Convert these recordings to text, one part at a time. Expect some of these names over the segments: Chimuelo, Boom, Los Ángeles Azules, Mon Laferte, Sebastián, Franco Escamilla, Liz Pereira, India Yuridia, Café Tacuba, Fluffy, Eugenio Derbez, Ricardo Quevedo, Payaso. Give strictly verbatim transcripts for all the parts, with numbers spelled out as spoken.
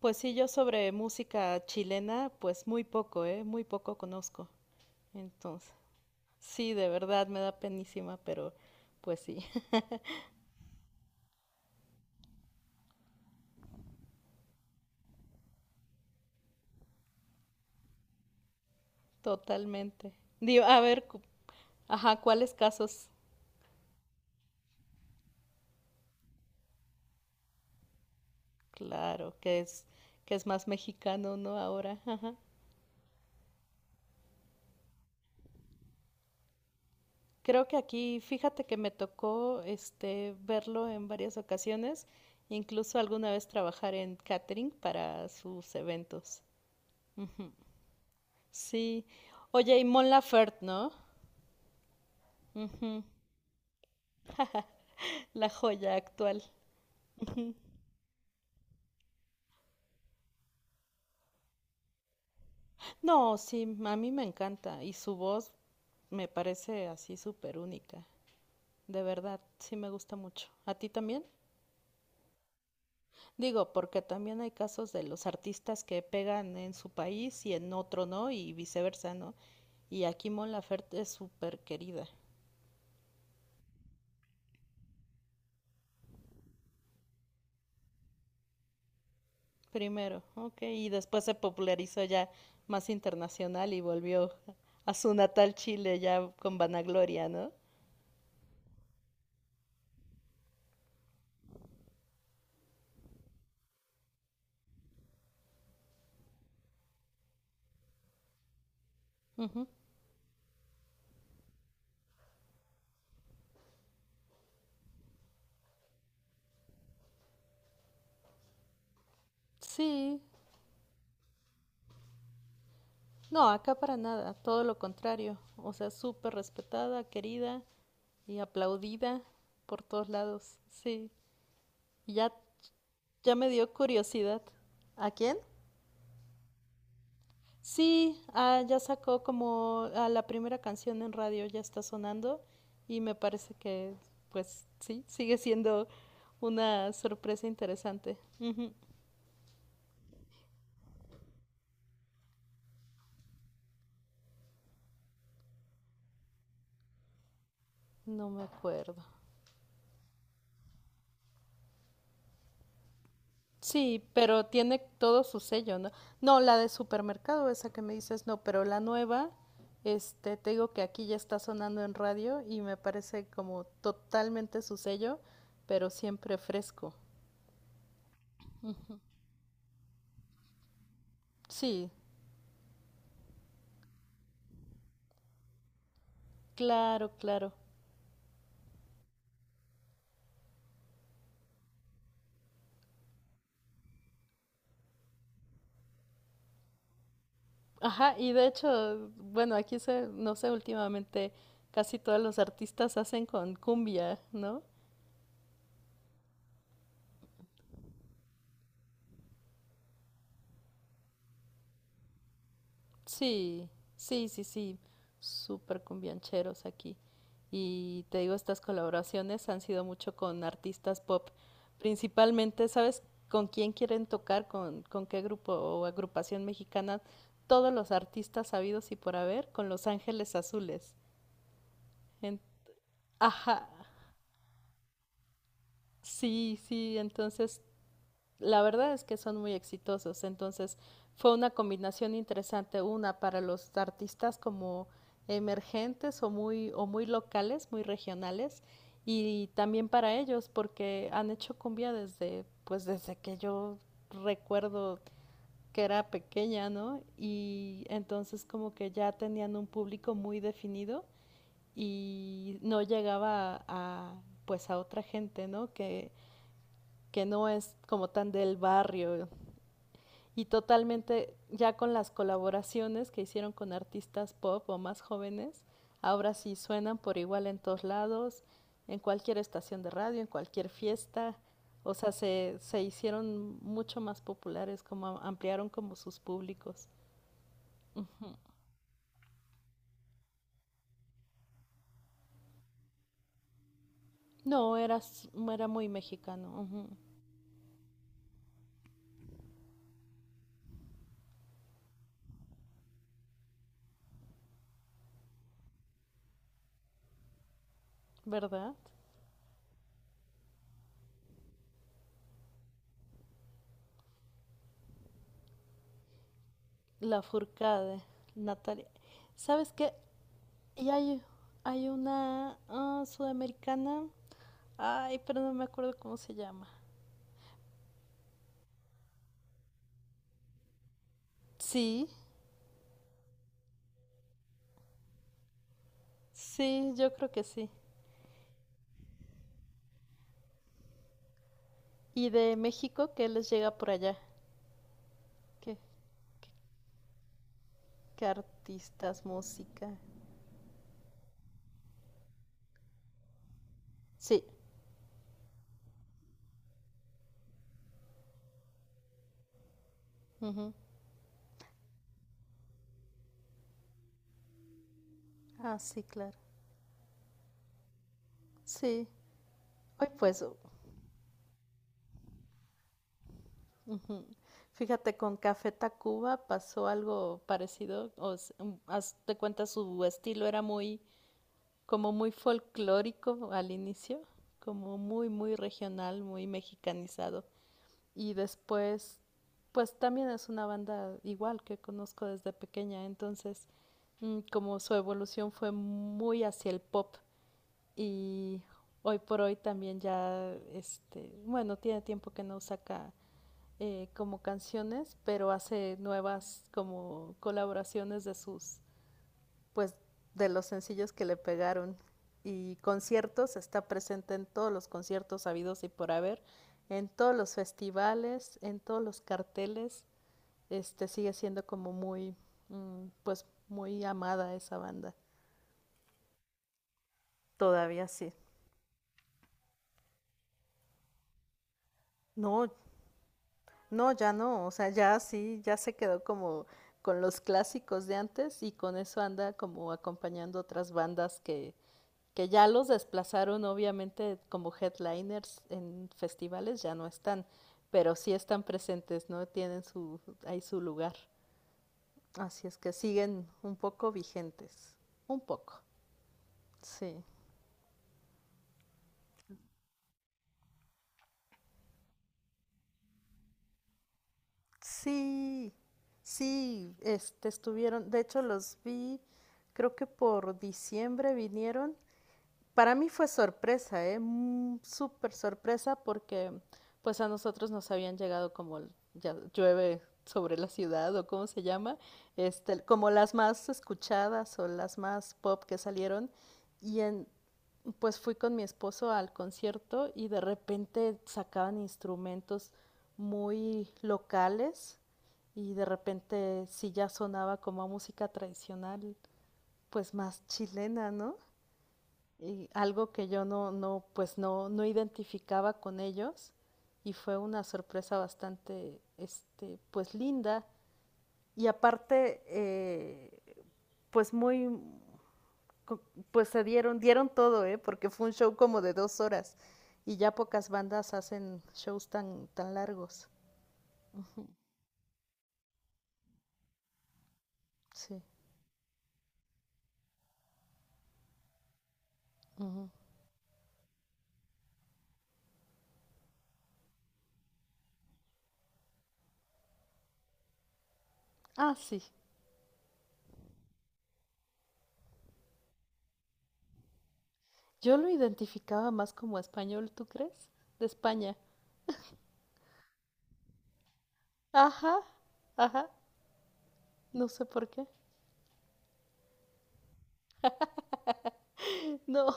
Pues sí, yo sobre música chilena, pues muy poco, ¿eh? Muy poco conozco. Entonces, sí, de verdad me da penísima, pero pues sí, totalmente. Digo, a ver, cu- ajá, ¿cuáles casos? Claro, que es que es más mexicano, ¿no? Ahora, ajá. Creo que aquí, fíjate que me tocó este verlo en varias ocasiones, incluso alguna vez trabajar en catering para sus eventos. Ujú. Sí. Oye, y Mon Laferte, ¿no? Ujú. La joya actual. No, sí, a mí me encanta y su voz me parece así súper única. De verdad, sí me gusta mucho. ¿A ti también? Digo, porque también hay casos de los artistas que pegan en su país y en otro no y viceversa, ¿no? Y aquí Mon Laferte es súper querida. Primero, ok, y después se popularizó ya más internacional y volvió a su natal Chile ya con vanagloria, ¿no? Ujú. Sí, no, acá para nada, todo lo contrario. O sea, súper respetada, querida y aplaudida por todos lados. Sí. Y ya, ya me dio curiosidad. ¿A quién? Sí, ah, ya sacó como a la primera canción en radio, ya está sonando y me parece que, pues sí, sigue siendo una sorpresa interesante. Ujú. No me acuerdo. Sí, pero tiene todo su sello, ¿no? No, la de supermercado, esa que me dices, no, pero la nueva, este, te digo que aquí ya está sonando en radio y me parece como totalmente su sello, pero siempre fresco. Sí, claro, claro. Ajá, y de hecho, bueno, aquí se, no sé, últimamente casi todos los artistas hacen con cumbia, ¿no? Sí, sí, sí, sí, súper cumbiancheros aquí. Y te digo, estas colaboraciones han sido mucho con artistas pop, principalmente. ¿Sabes con quién quieren tocar? ¿Con, con qué grupo o agrupación mexicana? Todos los artistas sabidos y por haber con Los Ángeles Azules. En- ajá, sí, sí, entonces la verdad es que son muy exitosos. Entonces fue una combinación interesante, una para los artistas como emergentes o muy, o muy locales, muy regionales, y también para ellos, porque han hecho cumbia desde, pues desde que yo recuerdo que era pequeña, ¿no? Y entonces como que ya tenían un público muy definido y no llegaba a, a pues a otra gente, ¿no? Que, que no es como tan del barrio, y totalmente ya con las colaboraciones que hicieron con artistas pop o más jóvenes, ahora sí suenan por igual en todos lados, en cualquier estación de radio, en cualquier fiesta, o sea, se, se hicieron mucho más populares, como ampliaron como sus públicos. No, era, era, muy mexicano, uh -huh. ¿Verdad? La Furcade, Natalia. ¿Sabes qué? Y hay, hay una oh, sudamericana, ay, pero no me acuerdo cómo se llama. Sí, sí, yo creo que sí. ¿Y de México qué les llega por allá? ¿Qué, qué artistas, música? Sí. Ujú. Ah, sí, claro. Sí. Hoy pues, ujú. Fíjate, con Café Tacuba pasó algo parecido. O s- mm, haz de cuenta su estilo era muy, como muy folclórico al inicio, como muy, muy regional, muy mexicanizado. Y después, pues también es una banda igual que conozco desde pequeña, entonces mm, como su evolución fue muy hacia el pop y hoy por hoy también ya, este, bueno, tiene tiempo que no saca eh, como canciones, pero hace nuevas como colaboraciones de sus pues de los sencillos que le pegaron. Y conciertos, está presente en todos los conciertos habidos y por haber, en todos los festivales, en todos los carteles. este sigue siendo como muy, mm, pues muy amada esa banda. Todavía sí. No, no, ya no, o sea, ya sí, ya se quedó como con los clásicos de antes y con eso anda como acompañando otras bandas que que ya los desplazaron obviamente como headliners en festivales, ya no están, pero sí están presentes, ¿no? Tienen su, ahí su lugar. Así es que siguen un poco vigentes, un poco, sí. Sí, sí, este, estuvieron, de hecho los vi, creo que por diciembre vinieron. Para mí fue sorpresa, ¿eh? Mm, Súper sorpresa porque pues a nosotros nos habían llegado como ya llueve sobre la ciudad o cómo se llama, este, como las más escuchadas o las más pop que salieron y en, pues fui con mi esposo al concierto y de repente sacaban instrumentos muy locales y de repente sí ya sonaba como a música tradicional, pues más chilena, ¿no? Y algo que yo no, no, pues no, no identificaba con ellos y fue una sorpresa bastante, este, pues linda y aparte, eh, pues muy, pues se dieron, dieron todo, ¿eh? Porque fue un show como de dos horas y ya pocas bandas hacen shows tan, tan largos. Sí. Uh -huh. Ah, sí. Yo lo identificaba más como español, ¿tú crees? De España. Ajá, ajá. No sé por qué. No.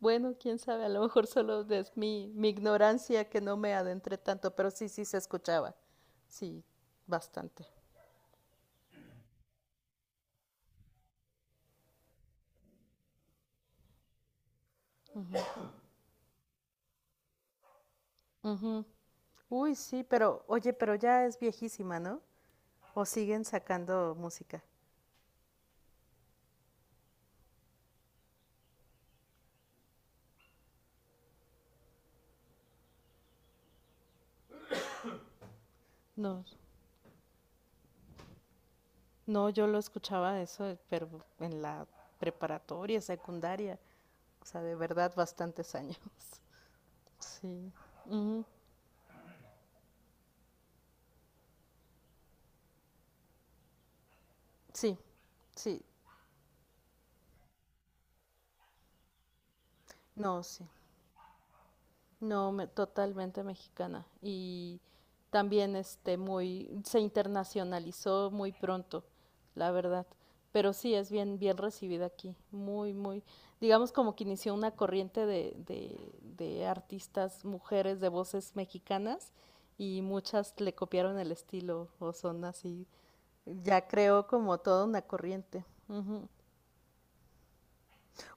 Bueno, quién sabe, a lo mejor solo es mi, mi ignorancia que no me adentré tanto, pero sí, sí se escuchaba. Sí, bastante. Ujú. Uy, sí, pero oye, pero ya es viejísima, ¿no? ¿O siguen sacando música? No, no, yo lo escuchaba eso, pero en la preparatoria, secundaria, o sea, de verdad bastantes años. Sí. Ujú. Sí, sí, no, sí. No, me- totalmente mexicana. Y también este muy se internacionalizó muy pronto, la verdad. Pero sí es bien bien recibida aquí, muy muy digamos como que inició una corriente de de de artistas mujeres de voces mexicanas y muchas le copiaron el estilo o son así. Ya creo como toda una corriente. Ujú.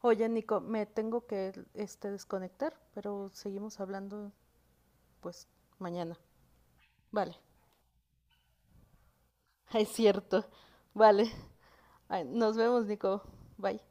Oye, Nico, me tengo que este desconectar, pero seguimos hablando pues mañana. Vale, es cierto. Vale. Ay, nos vemos, Nico. Bye.